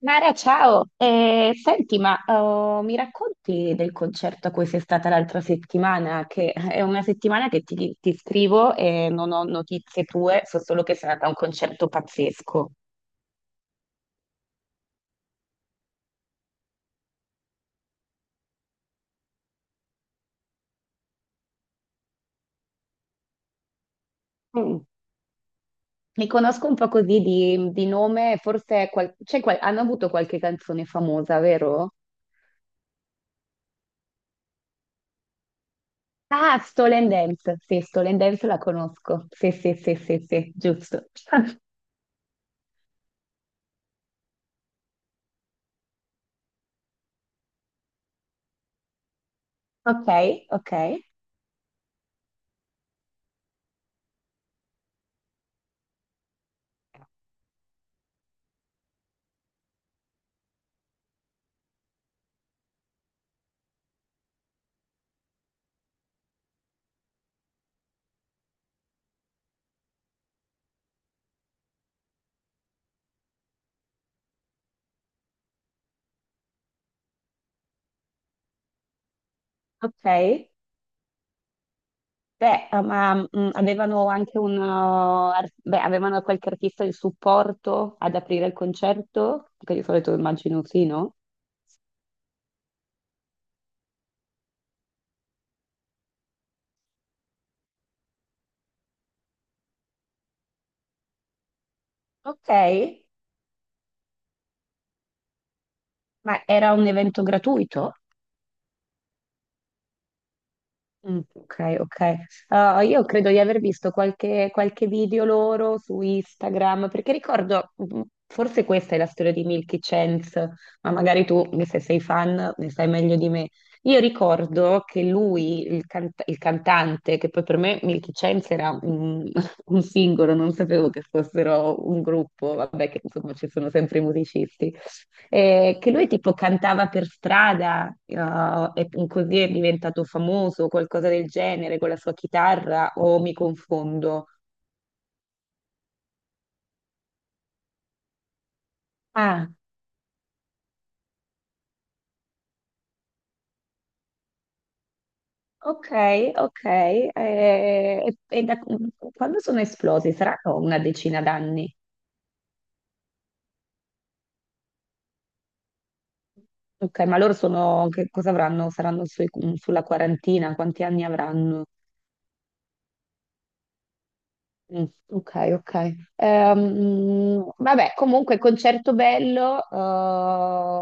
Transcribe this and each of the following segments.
Mara, ciao! Senti, ma oh, mi racconti del concerto a cui sei stata l'altra settimana? Che è una settimana che ti scrivo e non ho notizie tue, so solo che sei andata a un concerto pazzesco. Mm. Mi conosco un po' così di nome, forse hanno avuto qualche canzone famosa, vero? Ah, Stolen Dance, sì, Stolen Dance la conosco. Sì, sì, sì, sì, sì, giusto. Ok, ok, ok. Beh, ma avevano anche un... ar- beh, avevano qualche artista di supporto ad aprire il concerto, che di solito immagino sì, no? Ok, ma era un evento gratuito? Mm, ok, ok. Io credo di aver visto qualche video loro su Instagram, perché ricordo, forse questa è la storia di Milky Chance, ma magari tu, se sei fan, ne sai meglio di me. Io ricordo che lui, il, cant- il cantante, che poi per me Milky Chance era un singolo, non sapevo che fossero un gruppo, vabbè che insomma ci sono sempre i musicisti. Che lui tipo cantava per strada, e così è diventato famoso, qualcosa del genere, con la sua chitarra, o mi confondo? Ah, ok, ok. Quando sono esplosi? Saranno una decina d'anni. Ok, ma loro sono, che cosa avranno? Saranno sulla quarantina, quanti anni avranno? Mm, ok, ok. Vabbè, comunque concerto bello,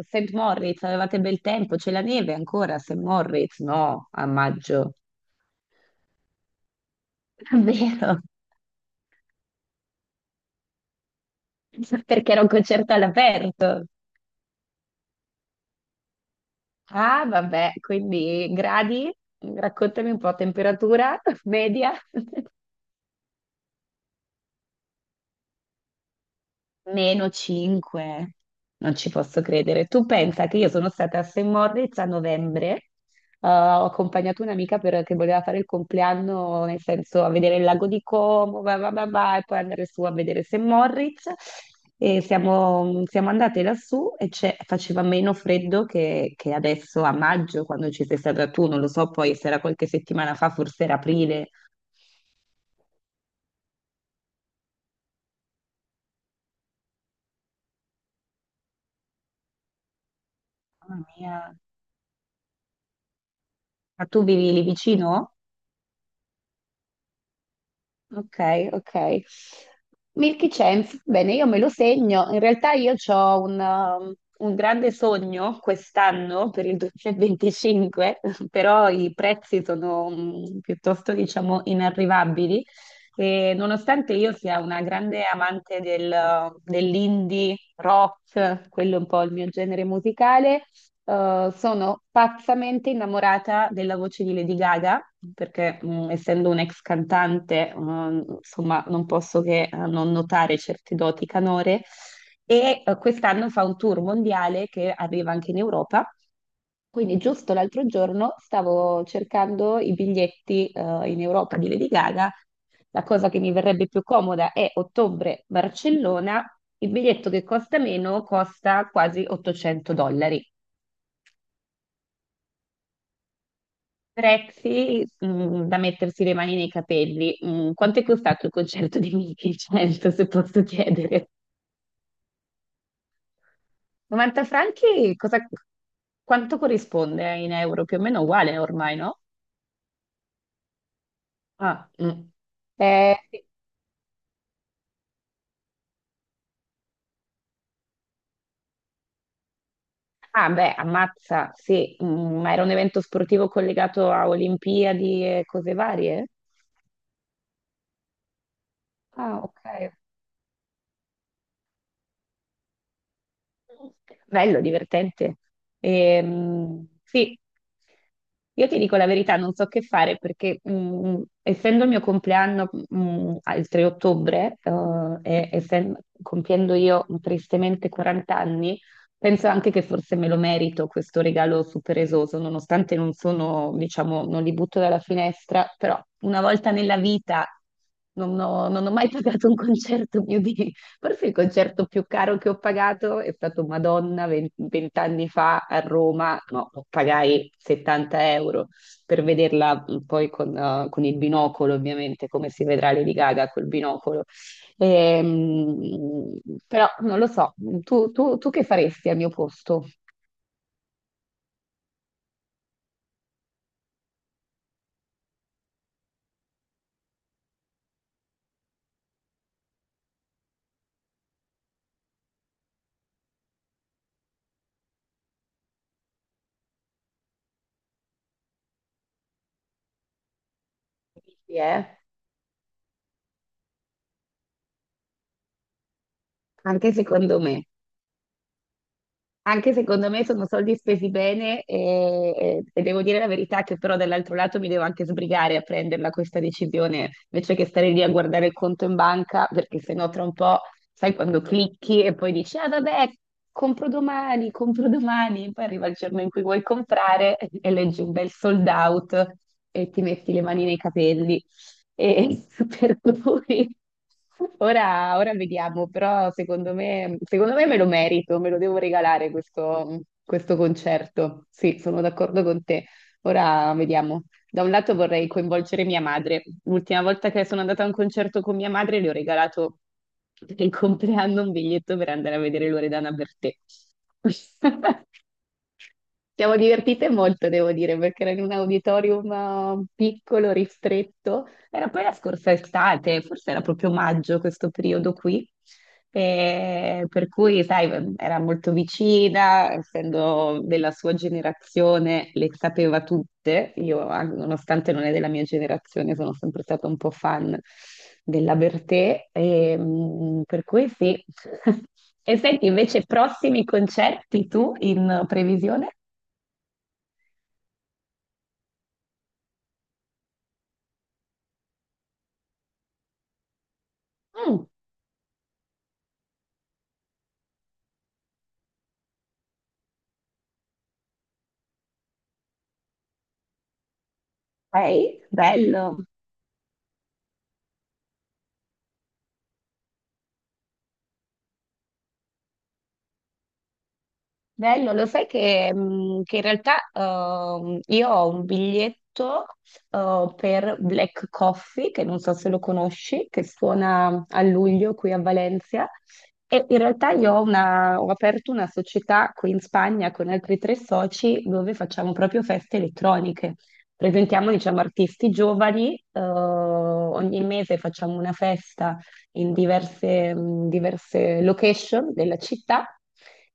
St. Moritz, avevate bel tempo, c'è la neve ancora a St. Moritz? No, a maggio. È vero, perché era un concerto all'aperto. Ah, vabbè, quindi gradi, raccontami un po', temperatura media. Meno 5, non ci posso credere. Tu pensa che io sono stata a St. Moritz a novembre, ho accompagnato un'amica che voleva fare il compleanno, nel senso a vedere il lago di Como, va, va, va, va, e poi andare su a vedere St. Moritz. E siamo andate lassù e faceva meno freddo che adesso a maggio, quando ci sei stata tu, non lo so, poi se era qualche settimana fa, forse era aprile. Mamma mia, ma tu vivi lì vicino? Ok, ok. Milky Chance, bene, io me lo segno. In realtà io ho un grande sogno quest'anno per il 2025, però i prezzi sono piuttosto, diciamo, inarrivabili. E nonostante io sia una grande amante dell'indie rock, quello è un po' il mio genere musicale, sono pazzamente innamorata della voce di Lady Gaga, perché essendo un'ex cantante, insomma, non posso che non notare certe doti canore. E quest'anno fa un tour mondiale che arriva anche in Europa. Quindi giusto l'altro giorno stavo cercando i biglietti in Europa di Lady Gaga. La cosa che mi verrebbe più comoda è ottobre-Barcellona. Il biglietto che costa meno costa quasi 800 dollari. Prezzi da mettersi le mani nei capelli. Quanto è costato il concerto di Michi? 100, se posso chiedere. 90 franchi, cosa, quanto corrisponde in euro? Più o meno uguale ormai, no? Ah, mm. Sì. Ah, beh, ammazza, sì, ma era un evento sportivo collegato a Olimpiadi e cose varie? Ah, ok. Bello, divertente. Sì, io ti dico la verità, non so che fare perché essendo il mio compleanno il 3 ottobre compiendo io tristemente 40 anni, penso anche che forse me lo merito questo regalo super esoso, nonostante non sono, diciamo, non li butto dalla finestra, però una volta nella vita non ho mai pagato un concerto mio di Forse il concerto più caro che ho pagato è stato Madonna 20 anni fa a Roma, no, pagai 70 euro per vederla poi con il binocolo, ovviamente, come si vedrà Lady Gaga col binocolo. Ehm, Però non lo so, tu che faresti al mio posto? Sì, eh? Anche secondo me. Anche secondo me sono soldi spesi bene e devo dire la verità che però dall'altro lato mi devo anche sbrigare a prenderla questa decisione invece che stare lì a guardare il conto in banca perché sennò tra un po' sai quando clicchi e poi dici ah vabbè compro domani, poi arriva il giorno in cui vuoi comprare e leggi un bel sold out e ti metti le mani nei capelli. E per cui ora vediamo, però secondo me me lo merito, me lo devo regalare questo concerto. Sì, sono d'accordo con te. Ora vediamo. Da un lato vorrei coinvolgere mia madre. L'ultima volta che sono andata a un concerto con mia madre le ho regalato per il compleanno un biglietto per andare a vedere Loredana Bertè. Siamo divertite molto, devo dire, perché era in un auditorium piccolo, ristretto. Era poi la scorsa estate, forse era proprio maggio questo periodo qui. E per cui, sai, era molto vicina, essendo della sua generazione, le sapeva tutte. Io, nonostante non è della mia generazione, sono sempre stata un po' fan della Bertè. E, per cui sì. E senti, invece, prossimi concerti tu in previsione? Mm, ok, bello. Bello, lo sai che, che in realtà io ho un biglietto per Black Coffee, che non so se lo conosci, che suona a luglio qui a Valencia. E in realtà io ho, ho aperto una società qui in Spagna con altri tre soci dove facciamo proprio feste elettroniche. Presentiamo, diciamo, artisti giovani, ogni mese facciamo una festa in diverse location della città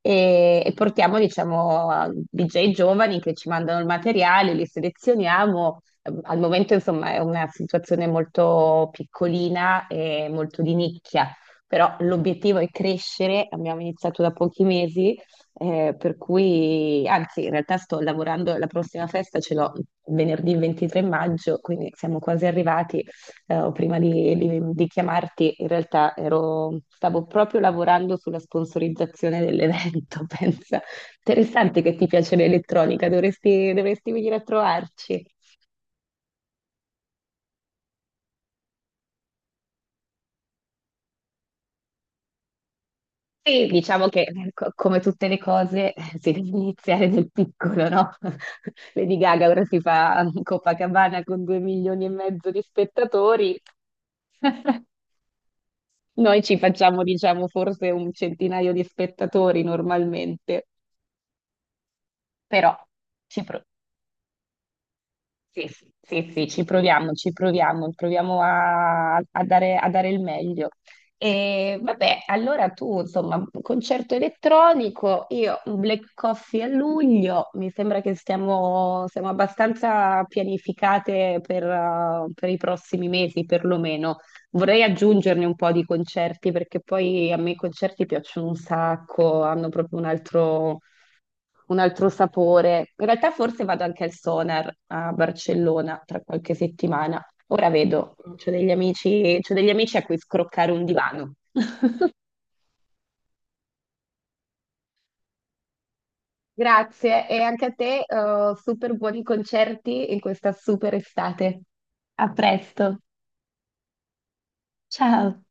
e portiamo, diciamo, a DJ giovani che ci mandano il materiale, li selezioniamo. Al momento, insomma, è una situazione molto piccolina e molto di nicchia, però l'obiettivo è crescere, abbiamo iniziato da pochi mesi, per cui, anzi, in realtà sto lavorando, la prossima festa ce l'ho venerdì 23 maggio, quindi siamo quasi arrivati o prima di chiamarti, in realtà ero, stavo proprio lavorando sulla sponsorizzazione dell'evento, pensa. Interessante che ti piace l'elettronica, dovresti, dovresti venire a trovarci. Sì, diciamo che come tutte le cose si deve iniziare nel piccolo, no? Lady Gaga ora si fa Copacabana con 2,5 milioni di spettatori. Noi ci facciamo, diciamo, forse un centinaio di spettatori normalmente, però Sì, sì, sì, sì, ci proviamo, proviamo a, a dare il meglio. E vabbè, allora tu, insomma, concerto elettronico, io un Black Coffee a luglio, mi sembra che siamo abbastanza pianificate per i prossimi mesi, perlomeno. Vorrei aggiungerne un po' di concerti, perché poi a me i concerti piacciono un sacco, hanno proprio un altro sapore. In realtà forse vado anche al Sonar a Barcellona tra qualche settimana. Ora vedo, c'ho degli amici a cui scroccare un divano. Grazie e anche a te, super buoni concerti in questa super estate. A presto, ciao!